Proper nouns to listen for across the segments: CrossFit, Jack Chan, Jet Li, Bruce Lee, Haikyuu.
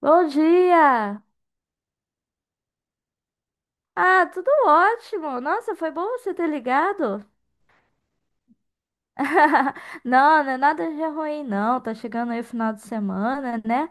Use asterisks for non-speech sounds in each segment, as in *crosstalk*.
Bom dia! Ah, tudo ótimo! Nossa, foi bom você ter ligado. *laughs* Não, não é nada de ruim, não. Tá chegando aí o final de semana, né?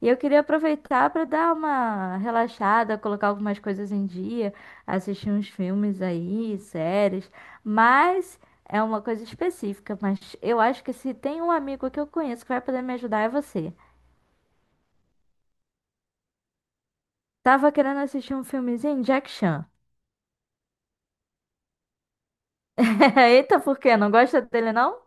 E eu queria aproveitar para dar uma relaxada, colocar algumas coisas em dia, assistir uns filmes aí, séries. Mas é uma coisa específica. Mas eu acho que se tem um amigo que eu conheço que vai poder me ajudar é você. Tava querendo assistir um filmezinho, Jack Chan. *laughs* Eita, por quê? Não gosta dele, não?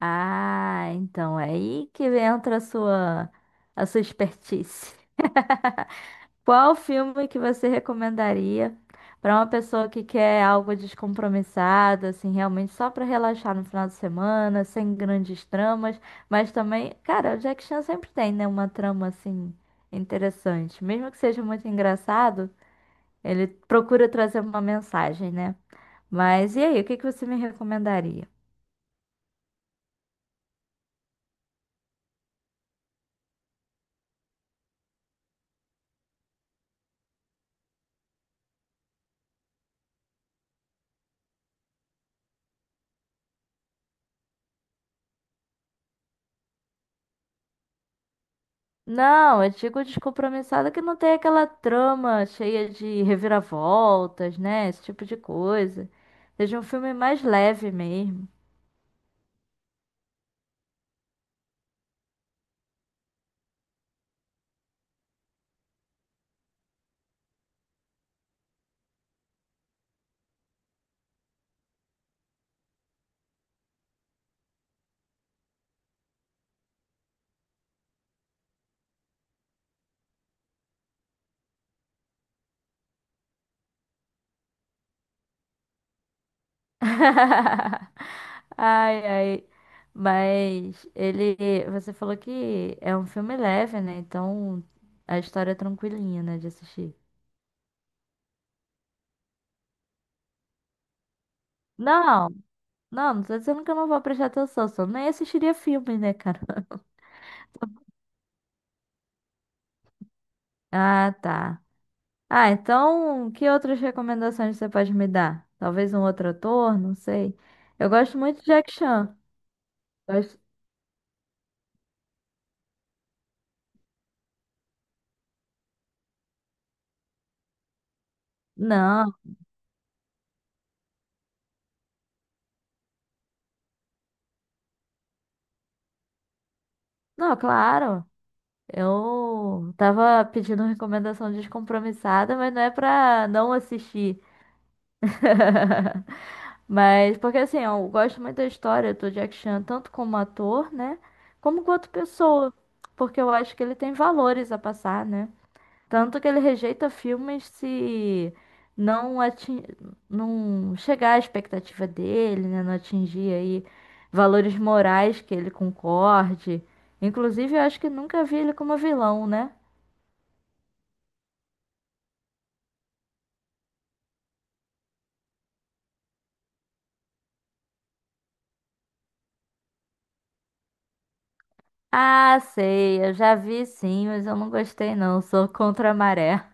Ah, então é aí que entra a sua expertise. *laughs* Qual filme que você recomendaria para uma pessoa que quer algo descompromissado, assim, realmente só para relaxar no final de semana, sem grandes tramas, mas também, cara, o Jack Chan sempre tem, né, uma trama assim interessante, mesmo que seja muito engraçado, ele procura trazer uma mensagem, né? Mas e aí, o que que você me recomendaria? Não, eu digo descompromissada que não tem aquela trama cheia de reviravoltas, né? Esse tipo de coisa. Seja um filme mais leve mesmo. *laughs* Ai, ai. Mas ele, você falou que é um filme leve, né? Então a história é tranquilinha, né, de assistir. Não, não, não tô dizendo que eu não vou prestar atenção, só nem assistiria filme, né, cara? *laughs* Ah, tá. Ah, então, que outras recomendações você pode me dar? Talvez um outro ator, não sei. Eu gosto muito de Jack Chan. Gosto- Não, não, claro. Eu tava pedindo recomendação descompromissada, mas não é pra não assistir. *laughs* Mas, porque assim, eu gosto muito da história do Jack Chan, tanto como ator, né? Como quanto pessoa. Porque eu acho que ele tem valores a passar, né? Tanto que ele rejeita filmes se não atin... não chegar à expectativa dele, né? Não atingir aí valores morais que ele concorde. Inclusive, eu acho que nunca vi ele como vilão, né? Ah, sei, eu já vi sim, mas eu não gostei não, sou contra a maré.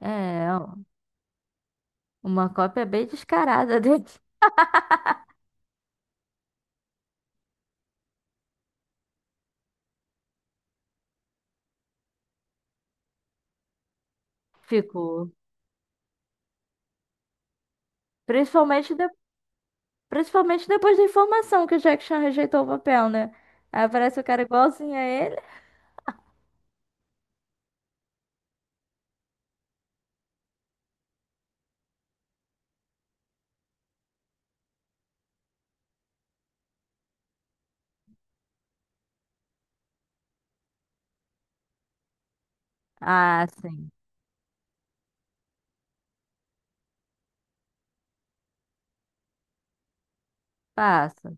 É, uma cópia bem descarada *laughs* dele. Ficou. Principalmente, de- Principalmente depois da informação que o Jack Chan rejeitou o papel, né? Aí aparece o cara igualzinho a ele. Ah, sim. Passa.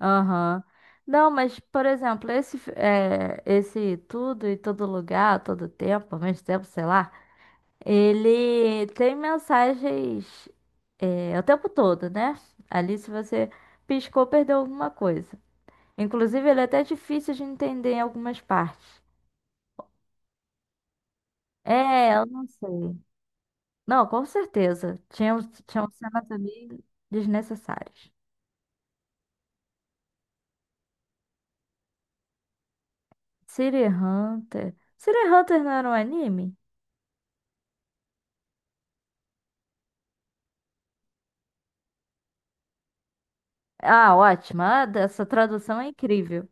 Aham. Não, mas, por exemplo, esse, fi- esse tudo e todo lugar, todo tempo, ao mesmo tempo, sei lá, ele tem mensagens, o tempo todo, né? Ali, se você piscou, perdeu alguma coisa. Inclusive, ele é até difícil de entender em algumas partes. É, eu não sei. Não, com certeza. Tinham, tinham cenas ali desnecessárias. City Hunter. City Hunter não era um anime? Ah, ótima! Ah, essa tradução é incrível.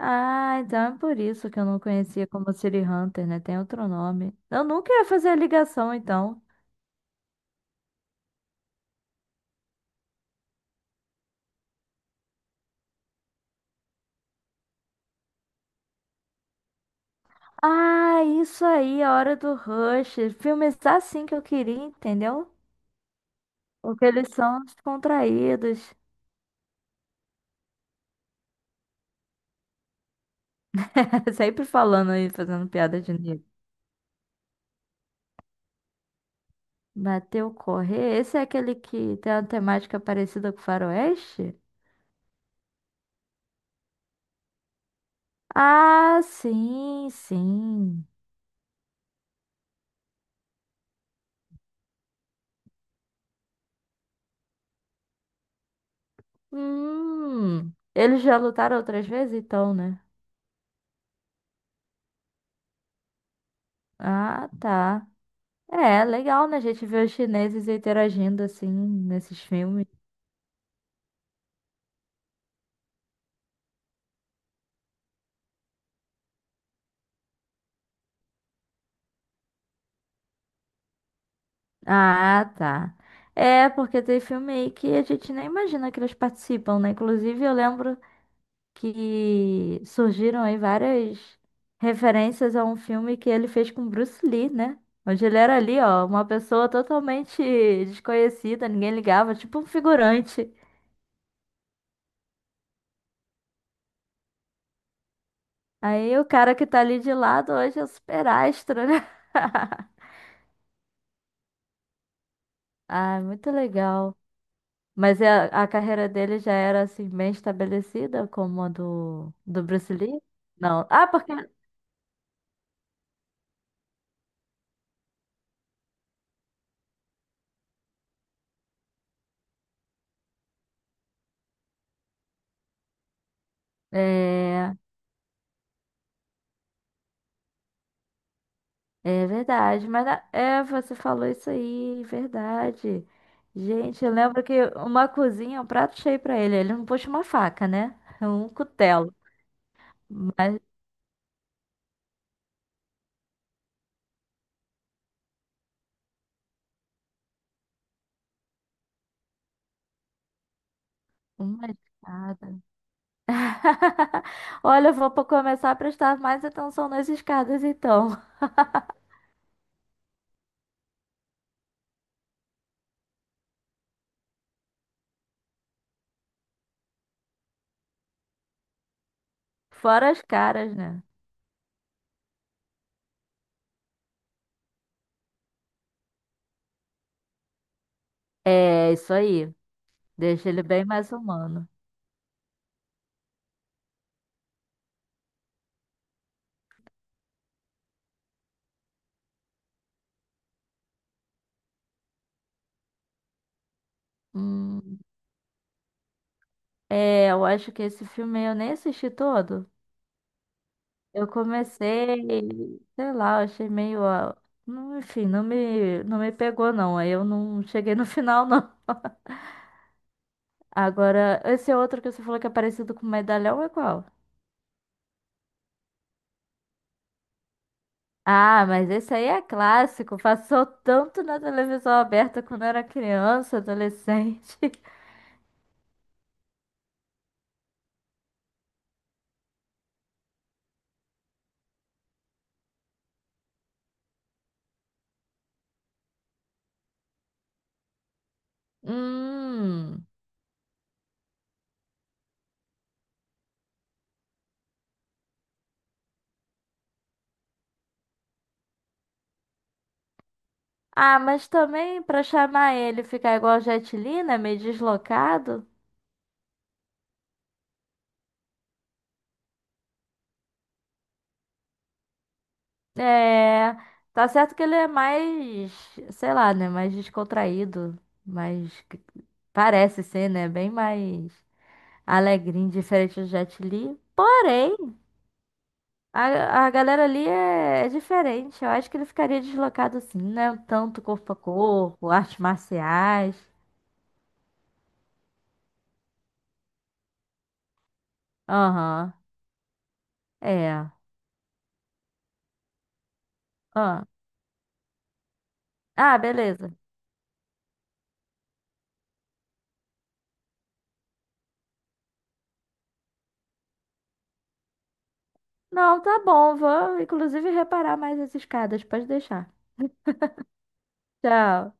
Ah, então é por isso que eu não conhecia como City Hunter, né? Tem outro nome. Eu nunca ia fazer a ligação, então. Ah, isso aí, a hora do Rush. Filme está assim que eu queria, entendeu? Porque eles são descontraídos. *laughs* Sempre falando aí, fazendo piada de negro. Bateu correr. Esse é aquele que tem uma temática parecida com Faroeste? Ah, sim, sim. Eles já lutaram outras vezes, então, né? Ah, tá. É, legal, né? A gente vê os chineses interagindo assim nesses filmes. Ah, tá. É, porque tem filme aí que a gente nem imagina que eles participam, né? Inclusive, eu lembro que surgiram aí várias referências a um filme que ele fez com Bruce Lee, né? Onde ele era ali, ó, uma pessoa totalmente desconhecida, ninguém ligava, tipo um figurante. Aí o cara que tá ali de lado hoje é super astro, né? *laughs* Ah, muito legal. Mas é- a carreira dele já era assim bem estabelecida como a do Bruce Lee? Não. Ah, porque é, é verdade. Mas a- é, você falou isso aí, verdade. Gente, eu lembro que uma cozinha, um prato cheio pra ele. Ele não puxa uma faca, né? É um cutelo, mas uma espada. *laughs* Olha, eu vou po- começar a prestar mais atenção nas escadas, então. *laughs* Fora as caras, né? É, isso aí. Deixa ele bem mais humano. Hum, é, eu acho que esse filme eu nem assisti todo. Eu comecei, sei lá, eu achei meio. Ó, não- Enfim, não me pegou, não. Aí eu não cheguei no *laughs* final, não. Agora, esse outro que você falou que é parecido com medalhão é qual? Ah, mas esse aí é clássico. Passou tanto na televisão aberta quando eu era criança, adolescente. *laughs* Hum. Ah, mas também pra chamar ele ficar igual o Jet Li, né? Meio deslocado. É. Tá certo que ele é mais, sei lá, né? Mais descontraído. Mais. Parece ser, né? Bem mais alegrinho, diferente do Jet Li. Porém. A galera ali é diferente. Eu acho que ele ficaria deslocado assim, né? Tanto corpo a corpo, artes marciais. Aham. É. Ah. Ah, beleza. Não, tá bom. Vou, inclusive, reparar mais as escadas. Pode deixar. Tchau.